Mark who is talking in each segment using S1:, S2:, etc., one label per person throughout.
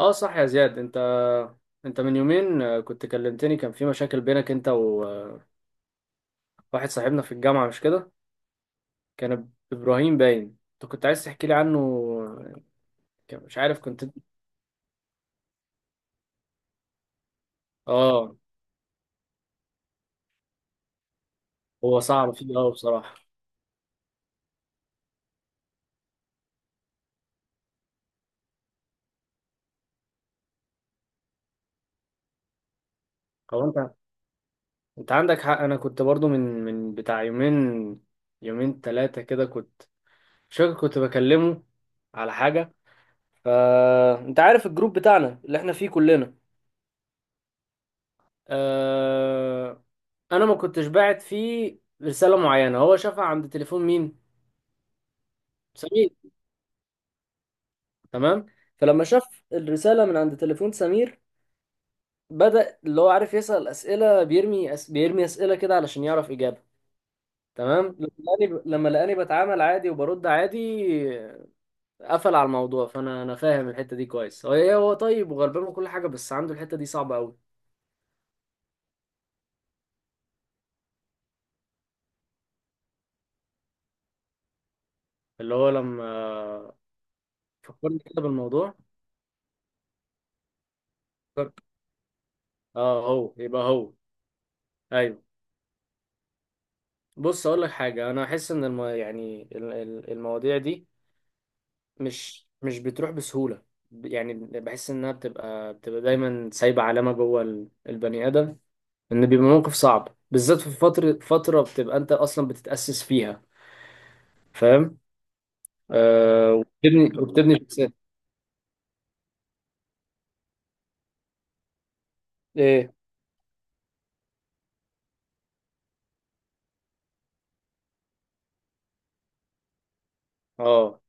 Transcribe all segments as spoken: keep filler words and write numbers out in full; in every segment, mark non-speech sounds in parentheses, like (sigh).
S1: اه، صح يا زياد. انت انت من يومين آه، كنت كلمتني. كان في مشاكل بينك انت وواحد صاحبنا في الجامعة، مش كده؟ كان ابراهيم باين انت كنت عايز تحكي لي عنه. آه، كان- مش عارف كنت. اه، هو صعب فيه اه بصراحة. هو انت انت عندك حق. انا كنت برضو من من بتاع يومين، يومين ثلاثة كده. كنت مش فاكر كنت بكلمه على حاجة. فانت عارف الجروب بتاعنا اللي احنا فيه كلنا. آه، انا ما كنتش باعت فيه رساله معينه، هو شافها عند تليفون مين؟ سمير. تمام. فلما شاف الرساله من عند تليفون سمير، بدأ اللي هو عارف يسأل اسئله. بيرمي أس... بيرمي اسئله كده علشان يعرف اجابه. تمام. لما لقاني لما لقاني بتعامل عادي وبرد عادي، قفل على الموضوع. فانا انا فاهم الحته دي كويس. هو إيه، هو طيب وغلبان وكل حاجه، بس عنده الحته دي صعبه قوي. اللي هو لما فكرني كده بالموضوع، فكرت اه هو يبقى هو. ايوه. بص، اقول لك حاجه، انا احس ان الم... يعني ال- ال- المواضيع دي مش مش بتروح بسهوله. ب- يعني بحس انها بتبقى بتبقى دايما سايبه علامه جوه ال- البني ادم. ان بيبقى موقف صعب، بالذات في فتره فتره بتبقى انت اصلا بتتاسس فيها، فاهم؟ آه وبتبني وبتبني شخصيه. ايه؟ اه،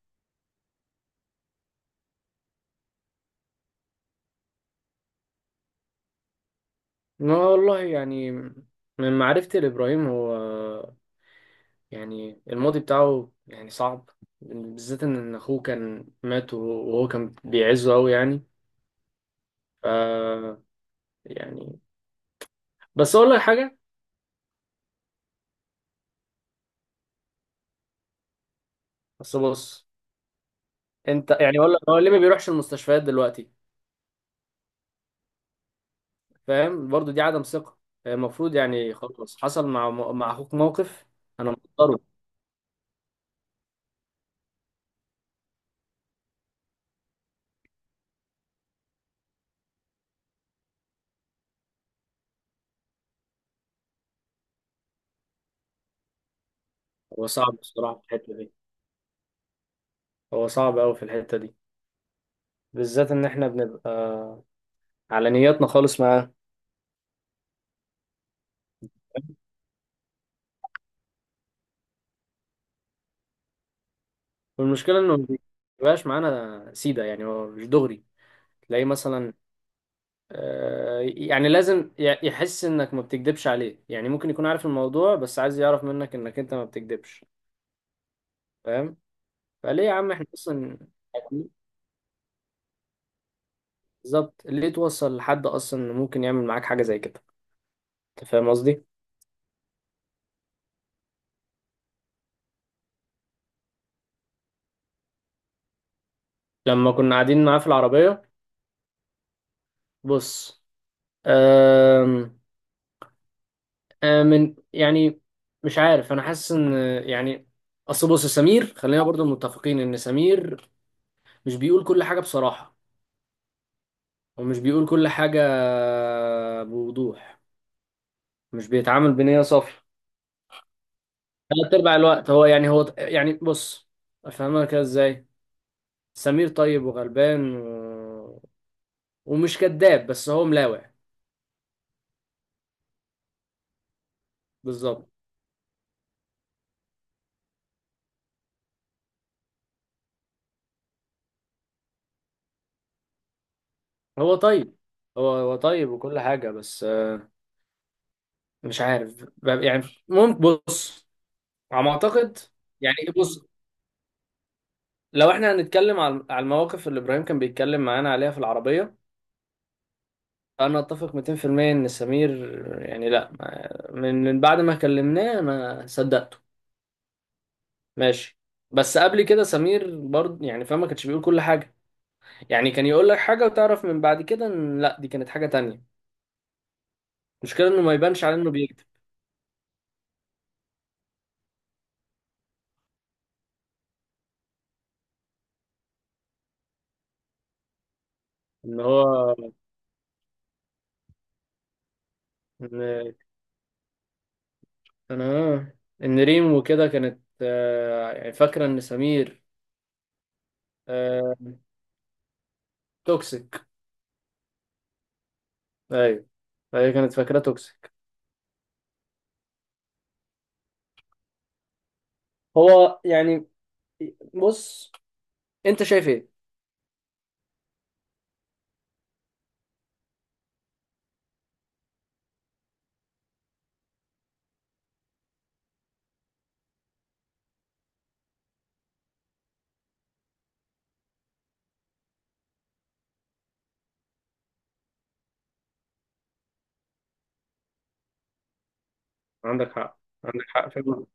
S1: ما والله يعني، من معرفتي لابراهيم، هو يعني الماضي بتاعه يعني صعب، بالذات ان إن اخوه كان مات، وهو وهو كان بيعزه قوي يعني. ف يعني، بس اقول لك حاجه. بس بص، انت يعني اقول لك، هو ليه ما بيروحش المستشفيات دلوقتي؟ فاهم؟ برضو دي عدم ثقه. هي المفروض يعني، خلاص، حصل مع مع اخوك موقف، انا مقدره. هو صعب بصراحه في الحته دي، هو صعب قوي في الحته دي، بالذات ان احنا بنبقى على نياتنا خالص معاه. والمشكله انه ما بيبقاش معانا سيده، يعني هو مش دغري. تلاقيه مثلا، آه، يعني لازم ي- يحس انك ما بتكدبش عليه. يعني ممكن يكون عارف الموضوع، بس عايز يعرف منك انك انت ما بتكدبش، فاهم؟ فليه يا عم احنا اصلا؟ (laughs) بالظبط، ليه توصل لحد اصلا انه ممكن يعمل معاك حاجه زي كده؟ انت فاهم قصدي؟ لما كنا قاعدين معاه في العربيه، بص، آم، آم، من يعني مش عارف، انا حاسس ان، يعني، اصل بص، سمير خلينا برضو متفقين ان سمير مش بيقول كل حاجه بصراحه، ومش بيقول كل حاجة بوضوح، مش بيتعامل بنية صافية. تلات أرباع الوقت هو يعني، هو يعني بص، أفهمها كده إزاي. سمير طيب وغلبان و... ومش كذاب، بس هو ملاوع. بالظبط. هو طيب، هو هو طيب وكل حاجة، بس آه، مش عارف، ب- يعني، ممكن، بص، على ما أعتقد. يعني بص، لو احنا هنتكلم على على المواقف اللي إبراهيم كان بيتكلم معانا عليها في العربية، انا اتفق مئتين في المية ان سمير يعني لا، ما- من من بعد ما كلمناه انا صدقته. ماشي. بس قبل كده سمير برضه يعني، فاهم، ما كانش بيقول كل حاجه. يعني كان يقول لك حاجه، وتعرف من بعد كده ان لا، دي كانت حاجه تانية. المشكله انه ما يبانش على انه بيكذب. ان هو ان انا ان ريم وكده كانت، آه، يعني فاكره ان سمير آه، توكسيك. ايوه، فهي كانت فاكره توكسيك. هو يعني بص، انت شايف ايه؟ عندك حق، عندك حق فعلا.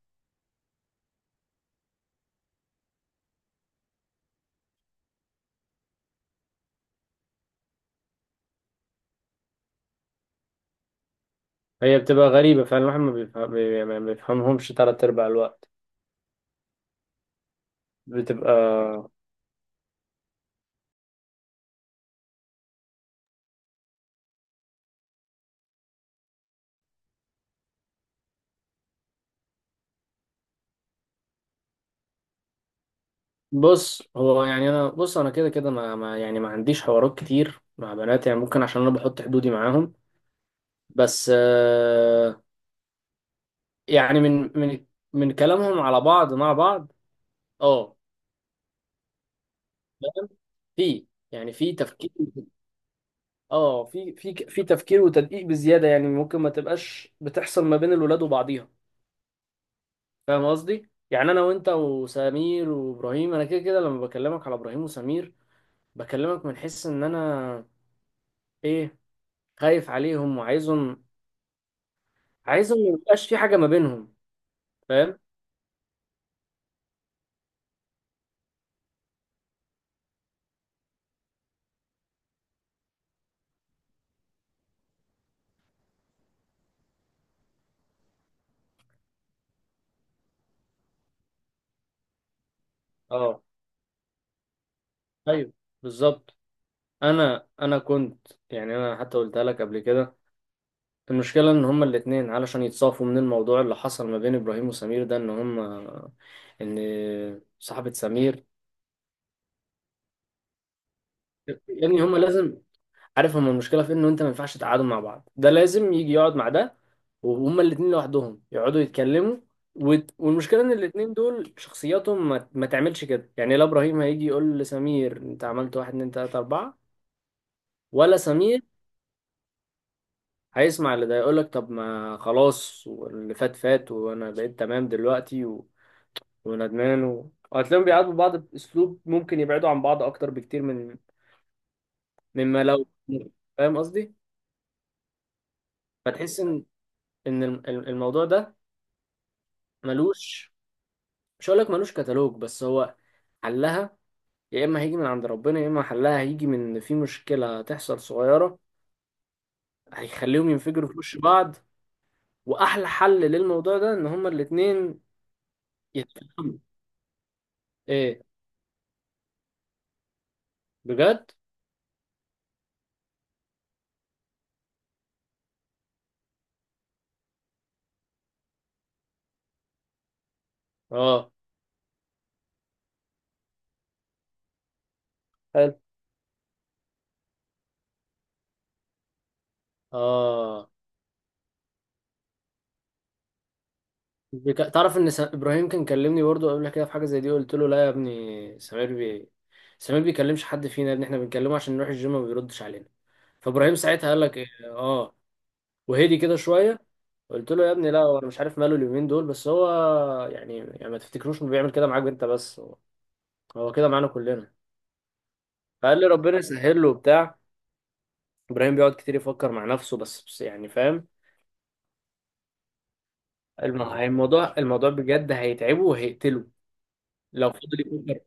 S1: هي بتبقى غريبة فعلا، الواحد ما بيفهم بي- يعني ما بيفهمهمش تلات أرباع الوقت. بتبقى، بص، هو يعني، أنا بص، أنا كده كده ما ما- يعني ما عنديش حوارات كتير مع بنات، يعني ممكن عشان أنا بحط حدودي معاهم. بس آه، يعني من من من كلامهم على بعض مع بعض. اه، فاهم؟ في، يعني في تفكير. اه، في في في تفكير وتدقيق بزيادة يعني، ممكن ما تبقاش بتحصل ما بين الولاد وبعضيها. فاهم قصدي؟ يعني انا وانت وسمير وابراهيم، انا كده كده لما بكلمك على ابراهيم وسمير، بكلمك من حس ان انا، ايه خايف عليهم وعايزهم، عايزهم ما يبقاش في حاجه ما بينهم، فاهم؟ اه، ايوه، بالظبط. انا انا كنت يعني، انا حتى قلتها لك قبل كده. المشكله ان هما الاتنين، علشان يتصافوا من الموضوع اللي حصل ما بين ابراهيم وسمير ده، ان هما، ان صاحبه سمير، يعني هما لازم. عارف هما المشكله في إيه؟ انه انت ما ينفعش تقعدوا مع بعض، ده لازم يجي يقعد مع ده، وهما الاتنين لوحدهم يقعدوا يتكلموا. وت- والمشكله ان الاتنين دول شخصياتهم ما, ما تعملش كده. يعني لا ابراهيم هيجي يقول لسمير انت عملت واحد اتنين تلاته اربعه، ولا سمير هيسمع. اللي ده يقول لك طب ما خلاص، واللي فات فات، وانا بقيت تمام دلوقتي و... وندمان و... وهتلاقيهم بيعاتبوا بعض باسلوب ممكن يبعدوا عن بعض اكتر بكتير من، مما لو، فاهم قصدي؟ فتحس ان، ان الم- الموضوع ده ملوش، مش هقول لك ملوش كتالوج، بس هو حلها يا اما هيجي من عند ربنا، يا اما حلها هيجي من إن في مشكله هتحصل صغيره هيخليهم ينفجروا في وش بعض. واحلى حل للموضوع ده ان هما الاتنين يتفهموا. ايه؟ بجد؟ اه، حلو. اه، بك... تعرف ان، س... ابراهيم كان كلمني برضه قبل كده في حاجه زي دي. قلت له لا يا ابني، سمير بي سمير بيكلمش حد فينا يا ابني، احنا بنكلمه عشان نروح الجيم ما بيردش علينا. فابراهيم ساعتها قال لك إيه؟ اه، وهدي كده شويه. قلت له يا ابني لا، هو انا مش عارف ماله اليومين دول، بس هو يعني يعني ما تفتكروش انه بيعمل كده معاك انت بس، هو, هو كده معانا كلنا. فقال لي ربنا يسهل له وبتاع. ابراهيم بيقعد كتير يفكر مع نفسه، بس, بس يعني، فاهم. الم- الموضوع الموضوع بجد هيتعبه وهيقتله لو فضل يفكر.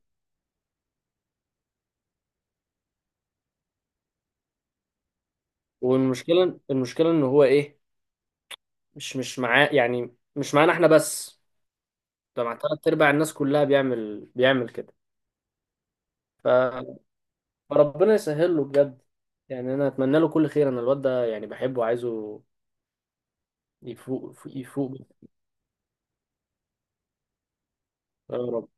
S1: والمشكله المشكله ان هو ايه مش مش معاه، يعني مش معانا احنا بس، ده مع تلات ارباع الناس كلها بيعمل بيعمل كده. ف- فربنا يسهل له بجد، يعني انا اتمنى له كل خير. انا الواد ده يعني بحبه وعايزه يفوق، يفوق. يا رب.